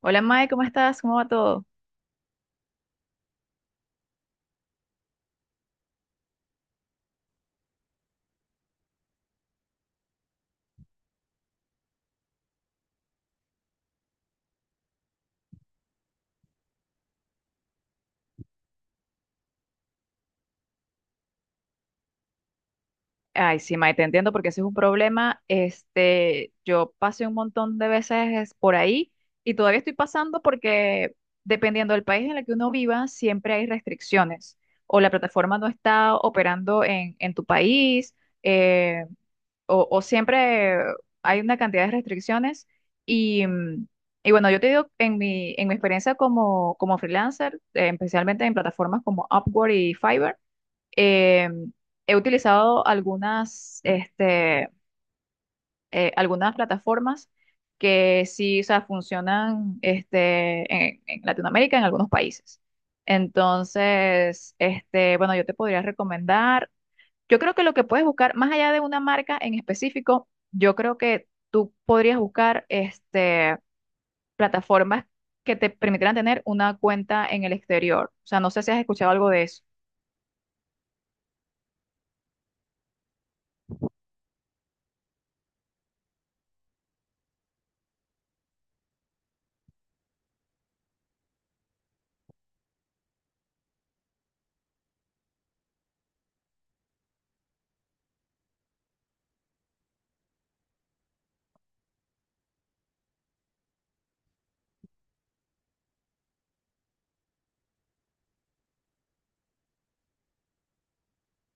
Hola Mae, ¿cómo estás? ¿Cómo va todo? Ay, sí, Mae, te entiendo porque ese es un problema. Yo pasé un montón de veces por ahí y todavía estoy pasando porque, dependiendo del país en el que uno viva, siempre hay restricciones. O la plataforma no está operando en tu país, eh, o siempre hay una cantidad de restricciones. Y, mm, y bueno, yo te digo, en mi experiencia como, como freelancer, especialmente en plataformas como Upwork y Fiverr. Eh, he utilizado algunas, algunas plataformas que sí, o sea, funcionan, en Latinoamérica, en algunos países. Entonces, este, bueno, yo te podría recomendar, yo creo que lo que puedes buscar, más allá de una marca en específico, yo creo que tú podrías buscar, plataformas que te permitirán tener una cuenta en el exterior. O sea, no sé si has escuchado algo de eso.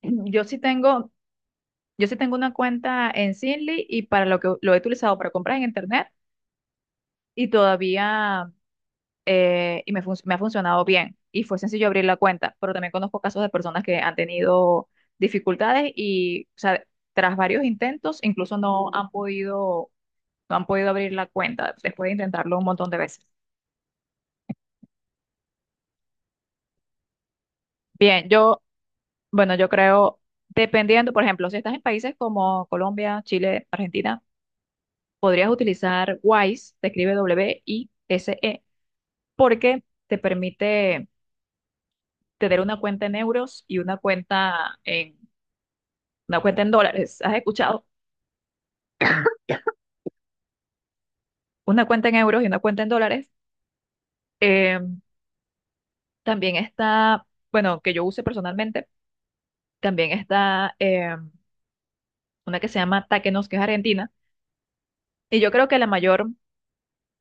Yo sí tengo, yo sí tengo una cuenta en Zinli y para lo que lo he utilizado, para compras en internet y todavía y me ha funcionado bien y fue sencillo abrir la cuenta, pero también conozco casos de personas que han tenido dificultades y, o sea, tras varios intentos, incluso no han podido no han podido abrir la cuenta después de intentarlo un montón de veces. Bien, yo, bueno, yo creo, dependiendo, por ejemplo, si estás en países como Colombia, Chile, Argentina, podrías utilizar Wise, se escribe Wise, porque te permite tener una cuenta en euros y una cuenta en dólares. ¿Has escuchado? Una cuenta en euros y una cuenta en dólares. Eh, también está, bueno, que yo use personalmente, también está una que se llama Takenos, que es argentina. Y yo creo que la mayor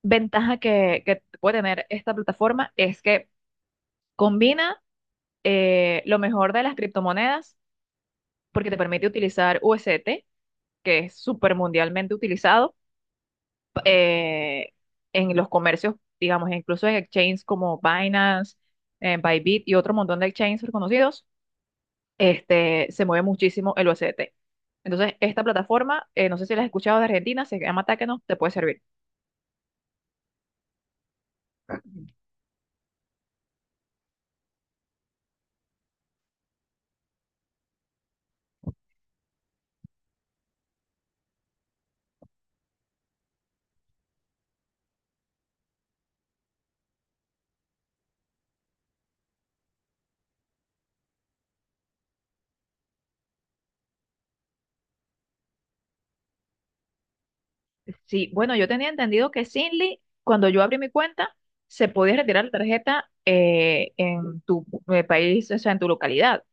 ventaja que puede tener esta plataforma es que combina, lo mejor de las criptomonedas, porque te permite utilizar USDT, que es súper mundialmente utilizado, eh, en los comercios, digamos, incluso en exchanges como Binance, Bybit y otro montón de exchanges reconocidos. Se mueve muchísimo el USDT. Entonces, esta plataforma, no sé si la has escuchado, de Argentina, se llama Takeno, te puede servir. Sí, bueno, yo tenía entendido que Sinly, cuando yo abrí mi cuenta, se podía retirar la tarjeta, en tu país, o sea, en tu localidad.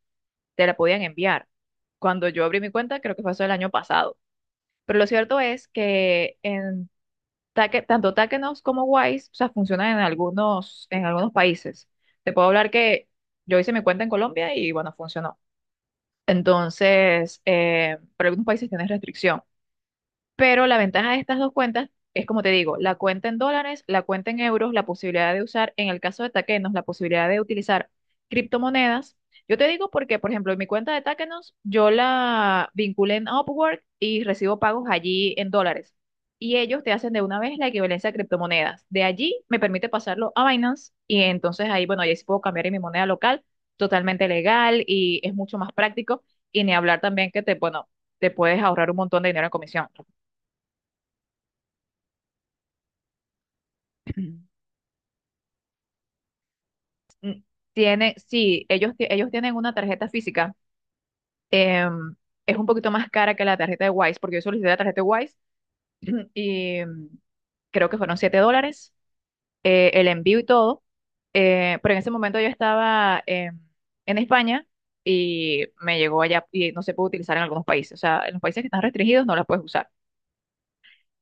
Te la podían enviar. Cuando yo abrí mi cuenta, creo que fue eso el año pasado. Pero lo cierto es que en tanto Takenos como Wise, o sea, funcionan en algunos países. Te puedo hablar que yo hice mi cuenta en Colombia y bueno, funcionó. Entonces, para algunos países tienen restricción. Pero la ventaja de estas dos cuentas es, como te digo, la cuenta en dólares, la cuenta en euros, la posibilidad de usar, en el caso de Takenos, la posibilidad de utilizar criptomonedas. Yo te digo porque, por ejemplo, en mi cuenta de Takenos, yo la vinculé en Upwork y recibo pagos allí en dólares. Y ellos te hacen de una vez la equivalencia a criptomonedas. De allí me permite pasarlo a Binance y entonces ahí, bueno, ahí sí puedo cambiar en mi moneda local, totalmente legal, y es mucho más práctico. Y ni hablar también que te, bueno, te puedes ahorrar un montón de dinero en comisión. Mm, Tiene, sí, ellos, ellos tienen una tarjeta física. em, es un poquito más cara que la tarjeta de Wise, porque yo solicité la tarjeta de Wise y mm, creo que fueron $7, el envío y todo. Pero en ese momento yo estaba en España y me llegó allá, y no se puede utilizar en algunos países. O sea, en los países que están restringidos no la puedes usar.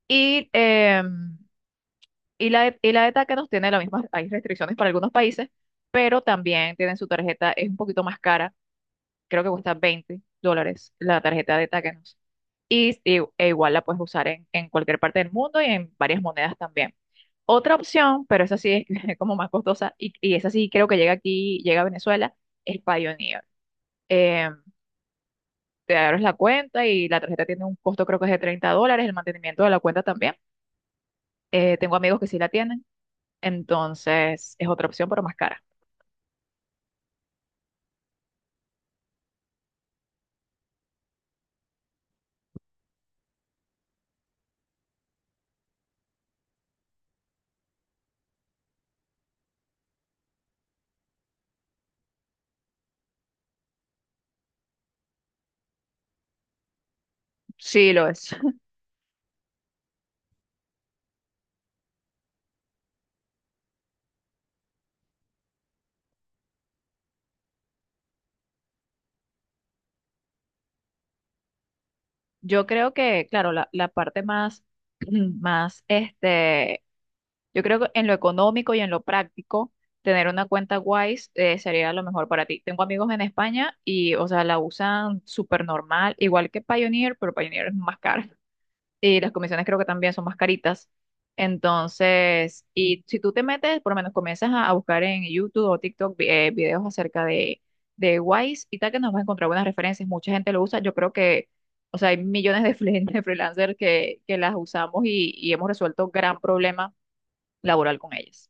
Y, em, y y la de Tácanos tiene las mismas, hay restricciones para algunos países, pero también tienen su tarjeta, es un poquito más cara, creo que cuesta $20 la tarjeta de Takenos. Y, e igual la puedes usar en cualquier parte del mundo y en varias monedas también. Otra opción, pero esa sí es como más costosa y esa sí, creo que llega aquí, llega a Venezuela, es Payoneer. Eh, te abres la cuenta y la tarjeta tiene un costo, creo que es de $30, el mantenimiento de la cuenta también. Tengo amigos que sí la tienen, entonces es otra opción, pero más cara. Sí, lo es. Yo creo que, claro, la parte más, más yo creo que en lo económico y en lo práctico, tener una cuenta Wise, sería lo mejor para ti. Tengo amigos en España y, o sea, la usan súper normal, igual que Pioneer, pero Pioneer es más cara. Y las comisiones creo que también son más caritas. Entonces, y si tú te metes, por lo menos comienzas a buscar en YouTube o TikTok videos acerca de Wise y tal, que nos vas a encontrar buenas referencias. Mucha gente lo usa. Yo creo que, o sea, hay millones de, de freelancers que las usamos y hemos resuelto gran problema laboral con ellas.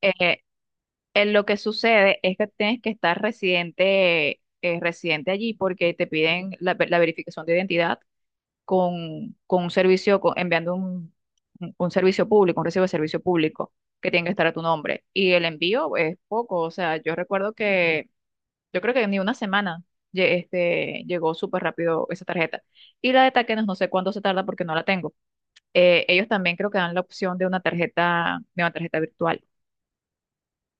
Eh, en lo que sucede es que tienes que estar residente, residente allí porque te piden la verificación de identidad con un enviando un servicio público, un recibo de servicio público que tiene que estar a tu nombre. Y el envío es poco, o sea, yo creo que ni una semana. Llegó súper rápido esa tarjeta. Y la de Takenos no sé cuánto se tarda porque no la tengo. Ellos también creo que dan la opción de de una tarjeta virtual.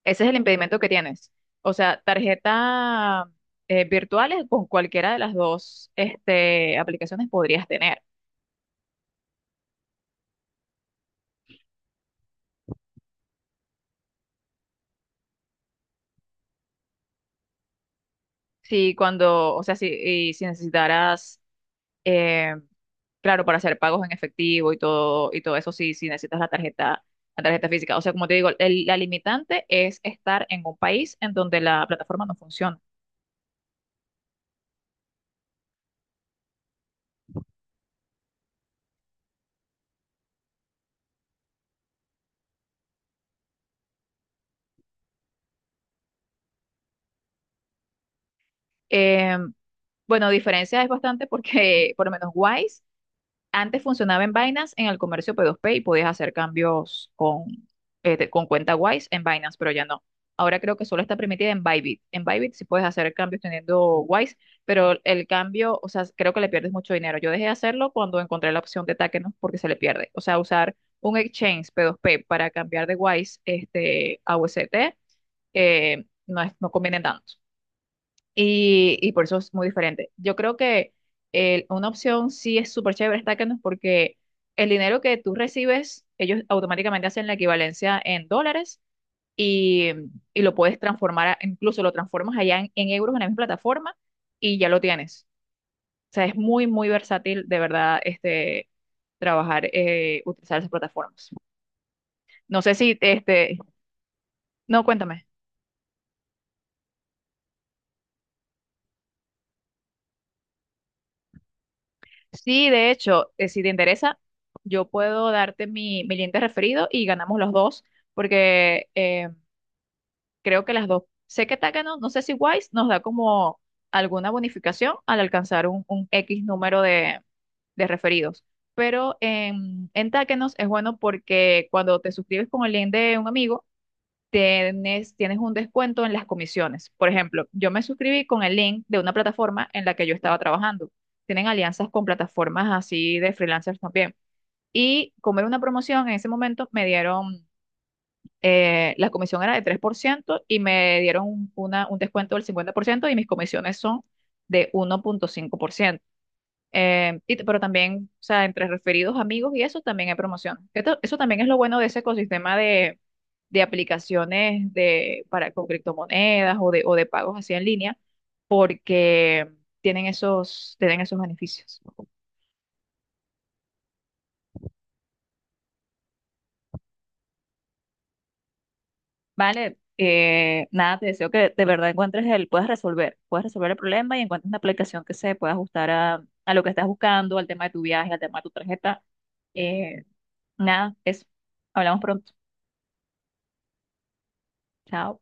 Ese es el impedimento que tienes. O sea, tarjeta, virtuales con cualquiera de las dos, aplicaciones podrías tener. Si cuando, o sea, si, y si necesitaras, eh, claro, para hacer pagos en efectivo y todo eso, sí, si necesitas la tarjeta física. O sea, como te digo, la limitante es estar en un país en donde la plataforma no funciona. Em, bueno, diferencia es bastante porque por lo menos Wise antes funcionaba en Binance en el comercio p dos p y podías hacer cambios con, con cuenta Wise en Binance, pero ya no. Ahora creo que solo está permitida en Bybit. En Bybit sí puedes hacer cambios teniendo Wise, pero el cambio, o sea, creo que le pierdes mucho dinero. Yo dejé de hacerlo cuando encontré la opción de Takenos porque se le pierde. O sea, usar un exchange p dos p para cambiar de Wise, a UST, no, es, no conviene tanto. Y por eso es muy diferente. Yo creo que una opción sí es súper chévere, Stackendos, porque el dinero que tú recibes, ellos automáticamente hacen la equivalencia en dólares, y, y lo puedes transformar, incluso lo transformas allá en euros en la misma plataforma y ya lo tienes. O sea, es muy, muy versátil de verdad, trabajar, utilizar esas plataformas. No sé si, este, no, cuéntame. Sí, de hecho, si te interesa, yo puedo darte mi link de referido y ganamos los dos, porque creo que las dos, sé que Takano, no sé si Wise nos da como alguna bonificación al alcanzar un X número de referidos, pero en Takanos es bueno porque cuando te suscribes con el link de un amigo, tienes un descuento en las comisiones. Por ejemplo, yo me suscribí con el link de una plataforma en la que yo estaba trabajando. Tienen alianzas con plataformas así de freelancers también. Y como era una promoción, en ese momento me dieron, la comisión era de 3% y me dieron un descuento del 50% y mis comisiones son de 1.5%. Pero también, o sea, entre referidos, amigos y eso también hay promoción. Eso también es lo bueno de ese ecosistema de aplicaciones para, con criptomonedas o de pagos así en línea, porque tienen esos beneficios. Vale, nada, te deseo que de verdad encuentres el, puedas resolver el problema y encuentres una aplicación que se pueda ajustar a lo que estás buscando, al tema de tu viaje, al tema de tu tarjeta. Eh, nada, eso. Hablamos pronto. Chao.